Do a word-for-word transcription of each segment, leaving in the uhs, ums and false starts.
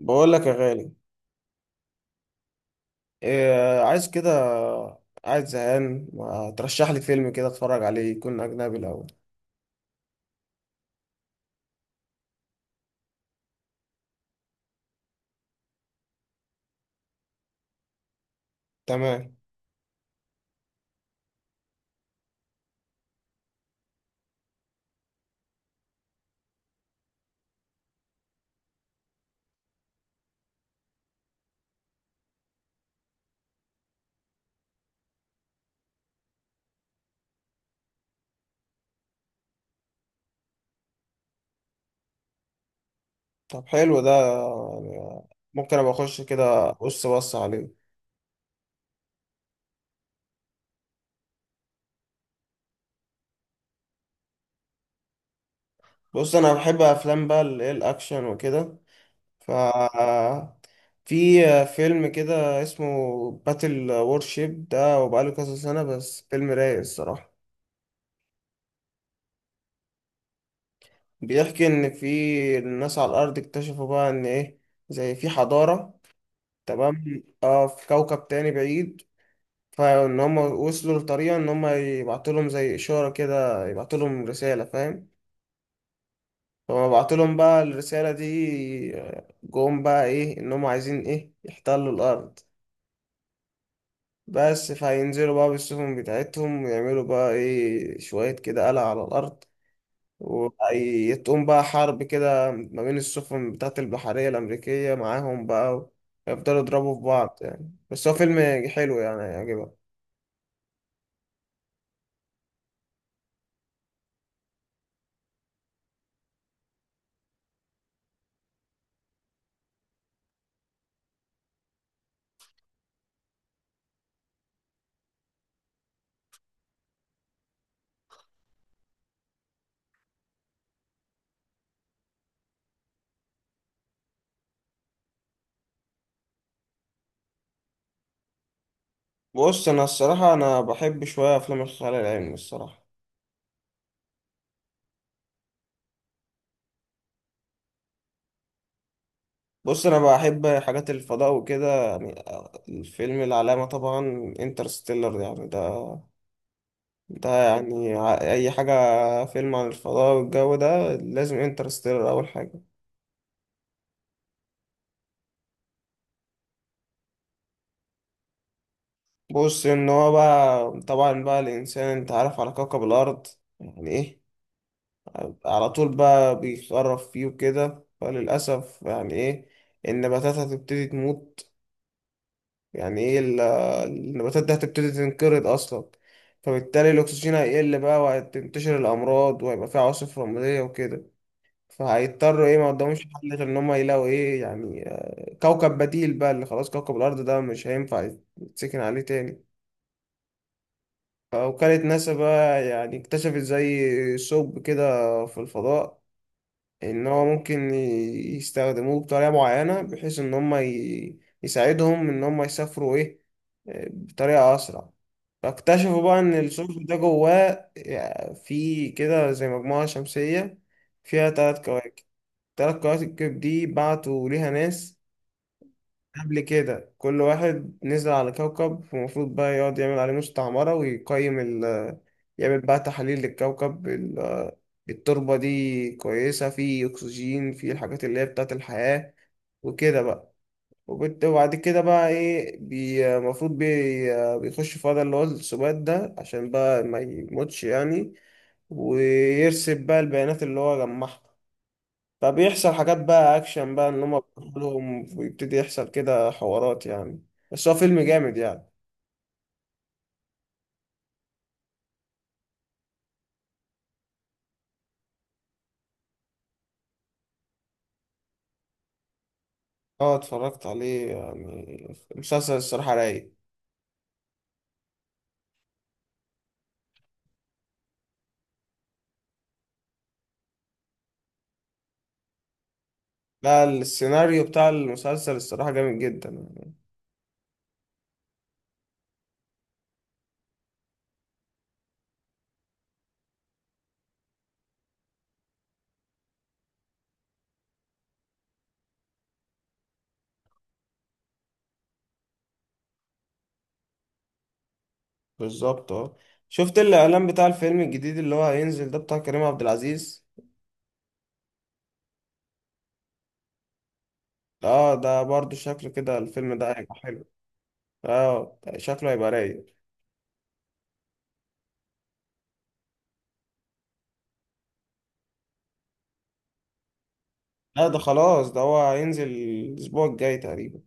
بقول لك يا غالي. إيه عايز كده؟ قاعد زهقان، ما ترشح لي فيلم كده اتفرج عليه، يكون اجنبي الاول؟ تمام. طب حلو ده، يعني ممكن ابقى اخش كده بص بص عليه. بص، انا بحب افلام بقى اللي هي الاكشن وكده. ف في فيلم كده اسمه باتل وورشيب، ده وبقاله كذا سنة بس، فيلم رايق الصراحة. بيحكي ان في الناس على الارض اكتشفوا بقى ان ايه، زي في حضارة، تمام، اه، في كوكب تاني بعيد، فان هم وصلوا لطريقة ان هم يبعتوا لهم زي اشارة كده، يبعتوا لهم رسالة، فاهم؟ فما بعتوا لهم بقى الرسالة دي، آه، جم بقى ايه، ان هم عايزين ايه، يحتلوا الارض. بس فهينزلوا بقى بالسفن بتاعتهم، ويعملوا بقى ايه شوية كده قلق على الارض، وتقوم بقى حرب كده ما بين السفن بتاعت البحرية الأمريكية معاهم بقى، يفضلوا يضربوا في بعض يعني. بس هو فيلم حلو يعني، هيعجبك. بص انا الصراحه انا بحب شويه افلام الخيال العلمي الصراحه. بص انا بحب حاجات الفضاء وكده يعني. الفيلم العلامه طبعا انترستيلر يعني. ده ده يعني ع- اي حاجه فيلم عن الفضاء والجو ده لازم انترستيلر اول حاجه. بص ان هو بقى طبعا بقى الانسان انت عارف على كوكب الارض يعني ايه، على طول بقى بيخرف فيه وكده، فللاسف يعني ايه، النباتات هتبتدي تموت، يعني ايه ال- النباتات دي هتبتدي تنقرض اصلا. فبالتالي الاكسجين هيقل بقى، وهتنتشر الامراض، وهيبقى في عواصف رمليه وكده. فهيضطروا ايه، ما قدامهمش حل غير ان هم يلاقوا ايه يعني، آه، كوكب بديل بقى، اللي خلاص كوكب الارض ده مش هينفع يتسكن عليه تاني. فوكالة ناسا بقى يعني اكتشفت زي ثقب كده في الفضاء، ان هو ممكن ي- يستخدموه بطريقة معينة، بحيث ان هم ي- يساعدهم ان هم يسافروا ايه، آه، بطريقة اسرع. فاكتشفوا بقى ان الثقب ده جواه، آه، في كده زي مجموعة شمسية فيها تلات كواكب. التلات كواكب دي بعتوا ليها ناس قبل كده، كل واحد نزل على كوكب المفروض بقى يقعد يعمل عليه مستعمرة، ويقيم ال يعمل بقى تحاليل للكوكب، ال- التربة دي كويسة، فيه أكسجين، فيه الحاجات اللي هي بتاعت الحياة وكده بقى. وبت- وبعد كده بقى إيه، بي- المفروض بي بيخش في وضع اللي هو السبات ده عشان بقى ما يموتش يعني، ويرسب بقى البيانات اللي هو جمعها. فبيحصل حاجات بقى اكشن بقى ان هم كلهم، ويبتدي يحصل كده حوارات يعني. بس هو فيلم جامد يعني. اه، اتفرجت عليه، يعني مسلسل الصراحة رايق. لا، السيناريو بتاع المسلسل الصراحة جامد جدا يعني. بالظبط اه. شفت الاعلان بتاع الفيلم الجديد اللي هو هينزل ده، بتاع كريم عبد العزيز؟ اه ده برضو شكله كده الفيلم ده هيبقى حلو. اه ده شكله هيبقى رايق. لا ده خلاص، ده هو هينزل الاسبوع الجاي تقريبا.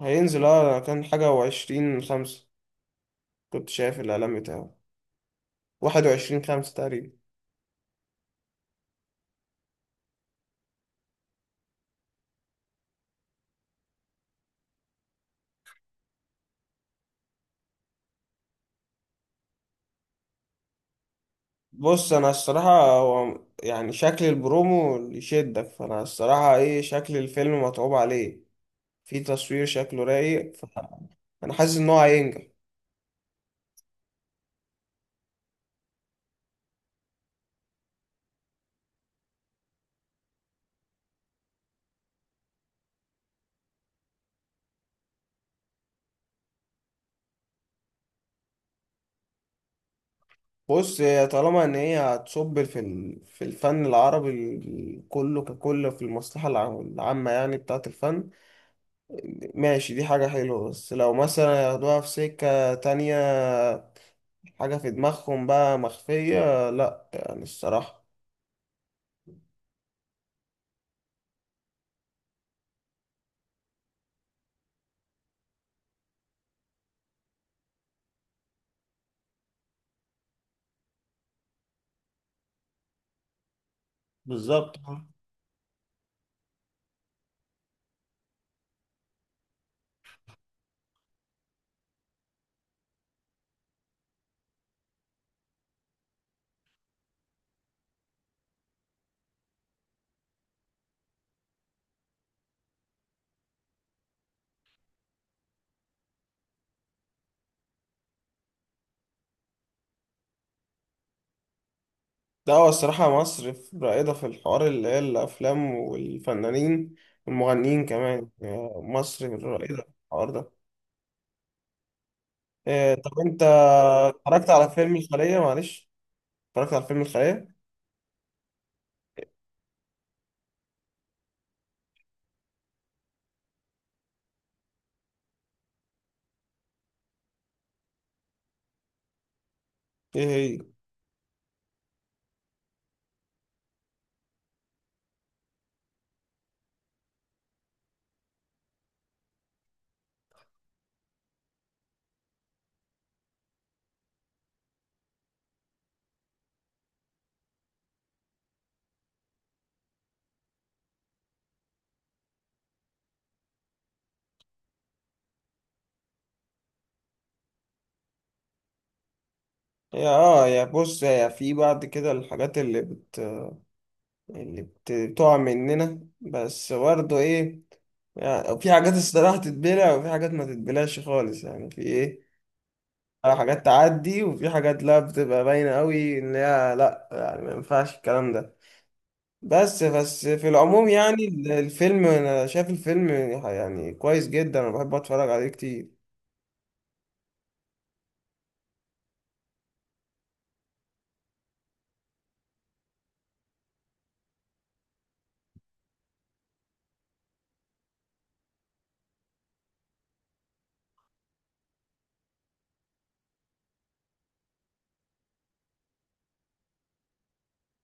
هينزل، اه، كان حاجة وعشرين خمسة، كنت شايف الإعلان بتاعه، واحد وعشرين خمسة تقريبا. بص أنا الصراحة، هو يعني شكل البرومو اللي يشدك، فأنا الصراحة إيه، شكل الفيلم متعوب عليه، في تصوير شكله رايق، فأنا حاسس إن هو هينجح. بص هي، طالما إن هي هتصب في ال... في الفن العربي ال- كله ككل، في المصلحة الع- العامة يعني بتاعة الفن، ماشي، دي حاجة حلوة. بس لو مثلا ياخدوها في سكة تانية، حاجة في دماغهم بقى مخفية، لأ يعني الصراحة. بالظبط آه. لا هو الصراحة مصر في- رائدة في الحوار اللي هي الأفلام والفنانين والمغنيين كمان. آه، مصر رائدة في الحوار ده. آه، طب أنت، اتفرجت على فيلم الخلية؟ معلش، اتفرجت على فيلم الخلية. إيه هي؟ هي اه، يا بص يا، في بعد كده الحاجات اللي بت اللي بت- بتقع مننا، بس برضه إيه يعني، في حاجات الصراحة تتبلع وفي حاجات ما تتبلعش خالص يعني، في إيه، حاجات تعدي وفي حاجات لا بتبقى باينة قوي ان هي لا، يعني ما ينفعش الكلام ده. بس بس في العموم يعني ال- الفيلم، انا شايف الفيلم يعني كويس جدا، انا بحب اتفرج عليه كتير.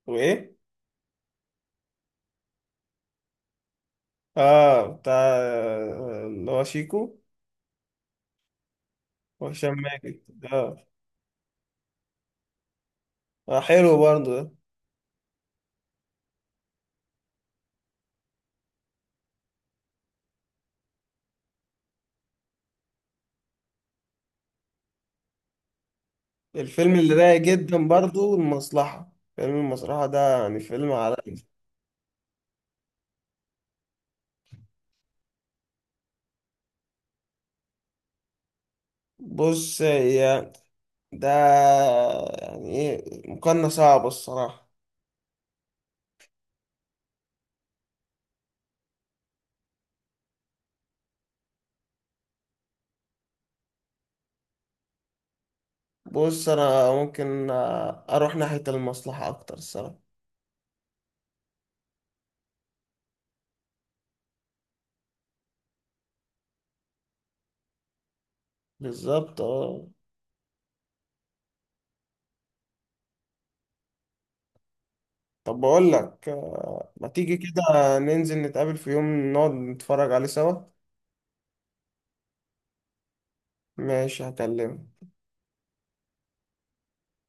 وايه؟ اه، بتاع اللي هو شيكو وهشام ماجد. اه. آه، حلو برضو ده. الفيلم اللي رايق جدا برضو المصلحة، فيلم المصلحة ده يعني فيلم على. بص هي ده يعني ايه، مقارنة صعبة الصراحة. بص انا ممكن آه، اروح ناحية المصلحة اكتر الصراحة. بالظبط اه. طب بقول لك آه، ما تيجي كده ننزل نتقابل في يوم نقعد نتفرج عليه سوا؟ ماشي، هكلمك.